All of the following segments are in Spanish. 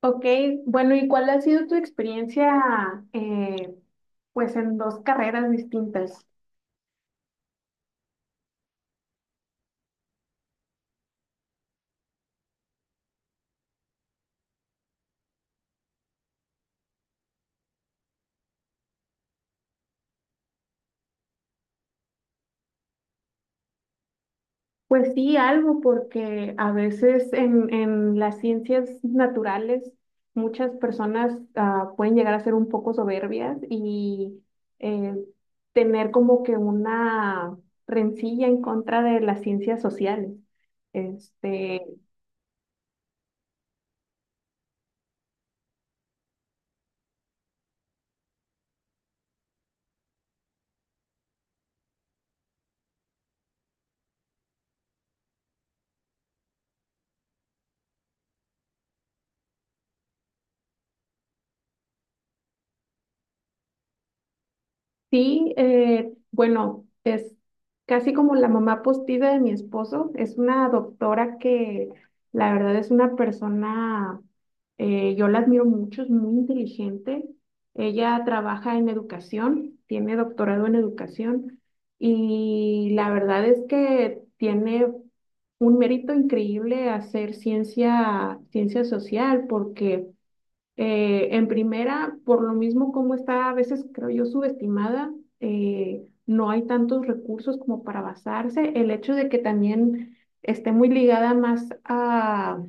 Ok, bueno, ¿y cuál ha sido tu experiencia, eh, pues, en dos carreras distintas? Pues sí, algo, porque a veces en las ciencias naturales muchas personas pueden llegar a ser un poco soberbias y eh, tener como que una rencilla en contra de las ciencias sociales. Este, Sí, bueno, es casi como la mamá postida de mi esposo. Es una doctora que la verdad es una persona, yo la admiro mucho, es muy inteligente. Ella trabaja en educación, tiene doctorado en educación y la verdad es que tiene un mérito increíble hacer ciencia, ciencia social porque… en primera, por lo mismo como está a veces, creo yo, subestimada, no hay tantos recursos como para basarse. El hecho de que también esté muy ligada más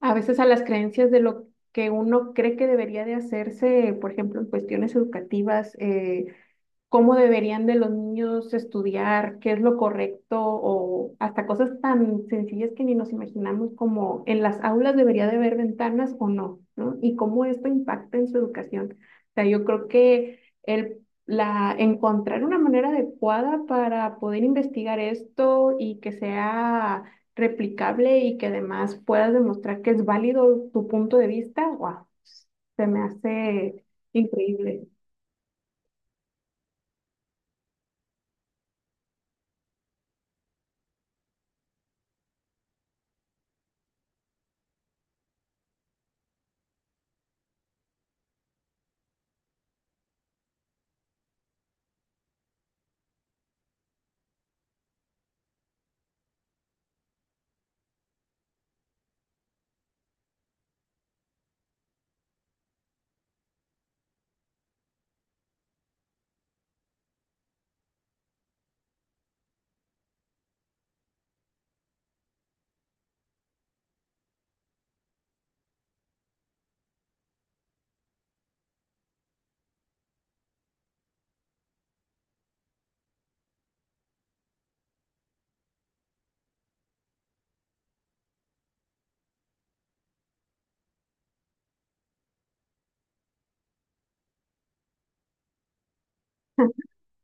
a veces a las creencias de lo que uno cree que debería de hacerse, por ejemplo, en cuestiones educativas, cómo deberían de los niños estudiar, qué es lo correcto, o hasta cosas tan sencillas que ni nos imaginamos, como en las aulas debería de haber ventanas o no, ¿no? Y cómo esto impacta en su educación. O sea, yo creo que encontrar una manera adecuada para poder investigar esto y que sea replicable y que además puedas demostrar que es válido tu punto de vista, wow, se me hace increíble.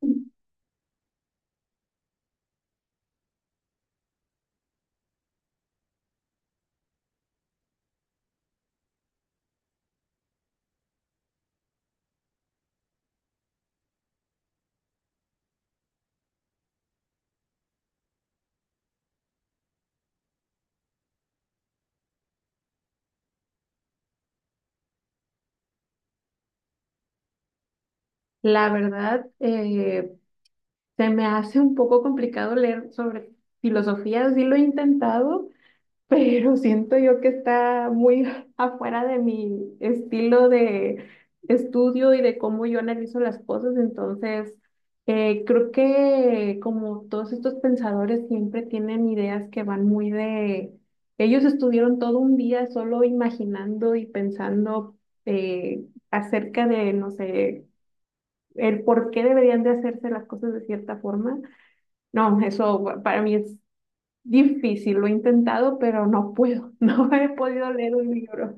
La verdad, se me hace un poco complicado leer sobre filosofía, sí lo he intentado, pero siento yo que está muy afuera de mi estilo de estudio y de cómo yo analizo las cosas. Entonces, creo que como todos estos pensadores siempre tienen ideas que van muy de… Ellos estuvieron todo un día solo imaginando y pensando eh, acerca de, no sé, el por qué deberían de hacerse las cosas de cierta forma. No, eso para mí es difícil, lo he intentado, pero no puedo, no he podido leer un libro.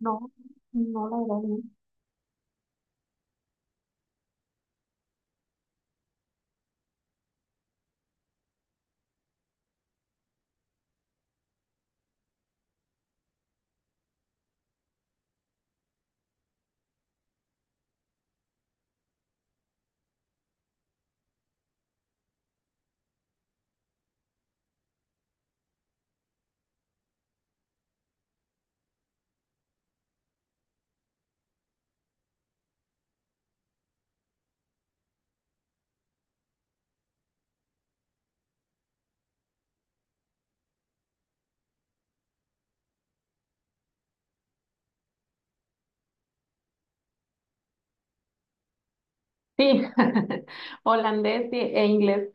No, no, la verdad, no. Sí, holandés e inglés.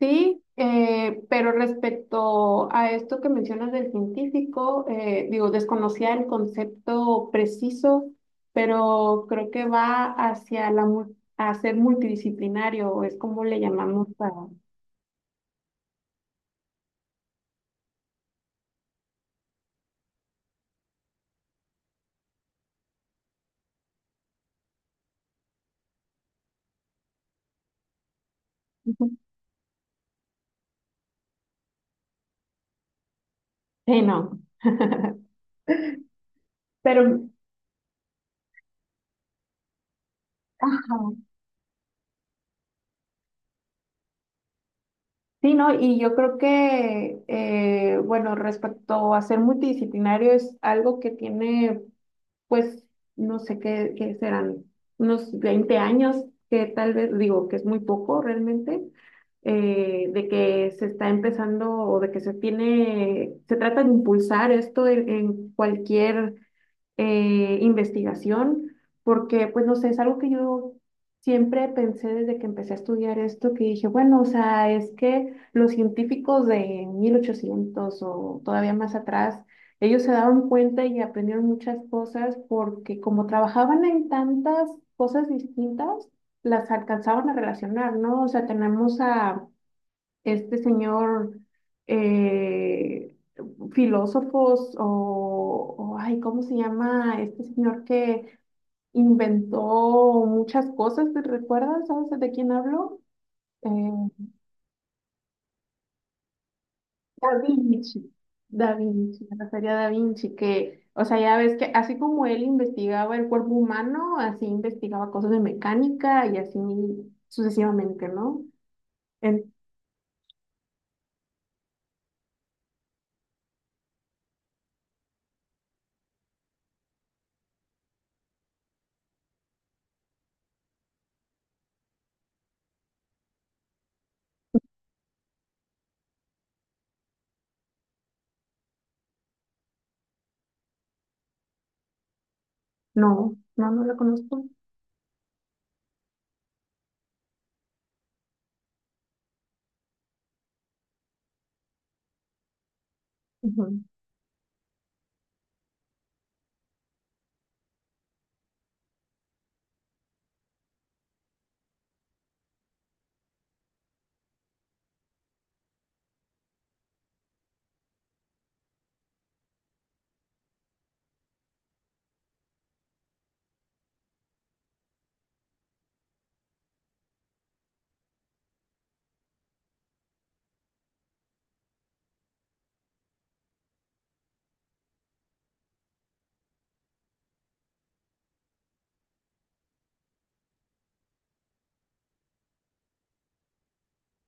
Sí, pero respecto a esto que mencionas del científico, digo, desconocía el concepto preciso, pero creo que va hacia a ser multidisciplinario, es como le llamamos a… Sí, no. Pero, ajá, sí, ¿no? Y yo creo que, bueno, respecto a ser multidisciplinario es algo que tiene, pues, no sé qué serán, unos 20 años, que tal vez, digo, que es muy poco realmente, de que se está empezando o de que se tiene, se trata de impulsar esto en cualquier investigación, porque pues no sé, es algo que yo siempre pensé desde que empecé a estudiar esto, que dije, bueno, o sea, es que los científicos de 1800 o todavía más atrás, ellos se daban cuenta y aprendieron muchas cosas porque como trabajaban en tantas cosas distintas, las alcanzaban a relacionar, ¿no? O sea, tenemos a este señor, eh, filósofos ay, ¿cómo se llama? Este señor que inventó muchas cosas, ¿te recuerdas? ¿Sabes de quién hablo? Eh, Da Vinci. Da Vinci, me refería a Da Vinci, que, o sea, ya ves que así como él investigaba el cuerpo humano, así investigaba cosas de mecánica y así sucesivamente, ¿no? En- no, no, no la conozco. Ujú,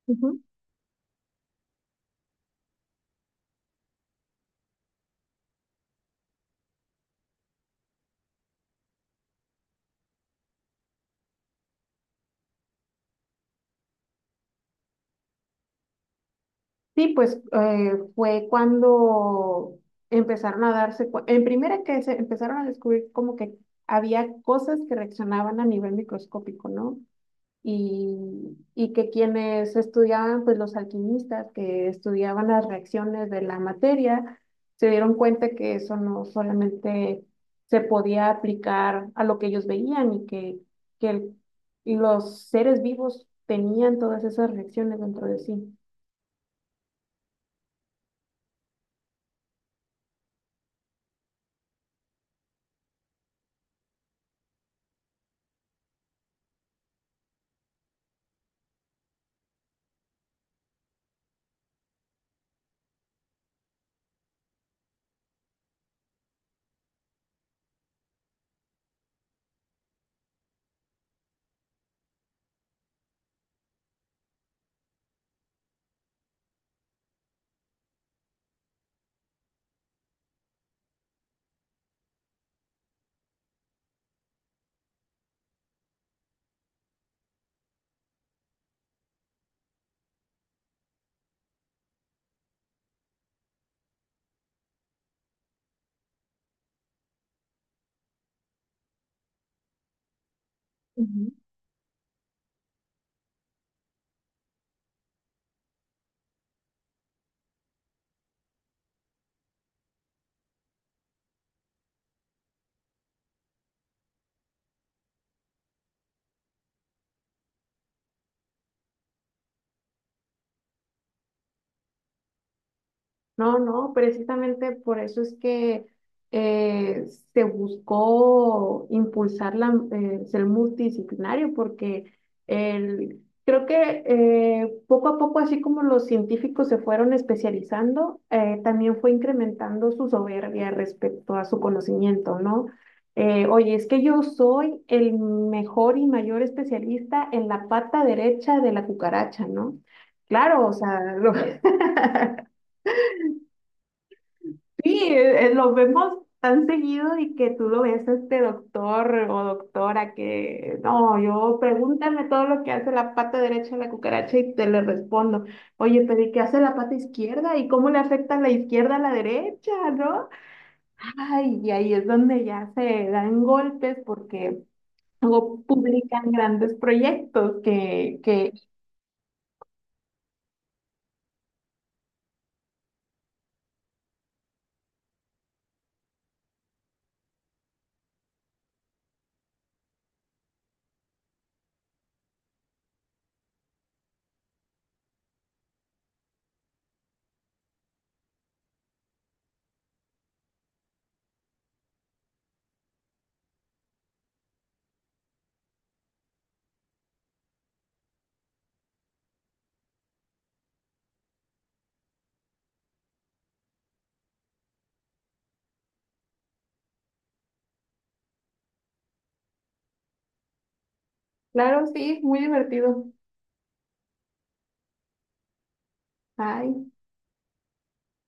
ujú. Sí, pues fue cuando empezaron a darse, en primera que se empezaron a descubrir como que había cosas que reaccionaban a nivel microscópico, ¿no? Y que quienes estudiaban, pues los alquimistas que estudiaban las reacciones de la materia, se dieron cuenta que eso no solamente se podía aplicar a lo que ellos veían y que, que el- y los seres vivos tenían todas esas reacciones dentro de sí. No, no, precisamente por eso es que eh, se buscó impulsar ser multidisciplinario, porque el, creo que poco a poco, así como los científicos se fueron especializando, también fue incrementando su soberbia respecto a su conocimiento, ¿no? Oye, es que yo soy el mejor y mayor especialista en la pata derecha de la cucaracha, ¿no? Claro, o sea, lo… Sí, lo vemos tan seguido y que tú lo ves a este doctor o doctora que, no, yo pregúntame todo lo que hace la pata derecha de la cucaracha y te le respondo, oye, pero ¿y qué hace la pata izquierda? ¿Y cómo le afecta la izquierda a la derecha? ¿No? Ay, y ahí es donde ya se dan golpes porque luego publican grandes proyectos claro, sí, es muy divertido. Ay.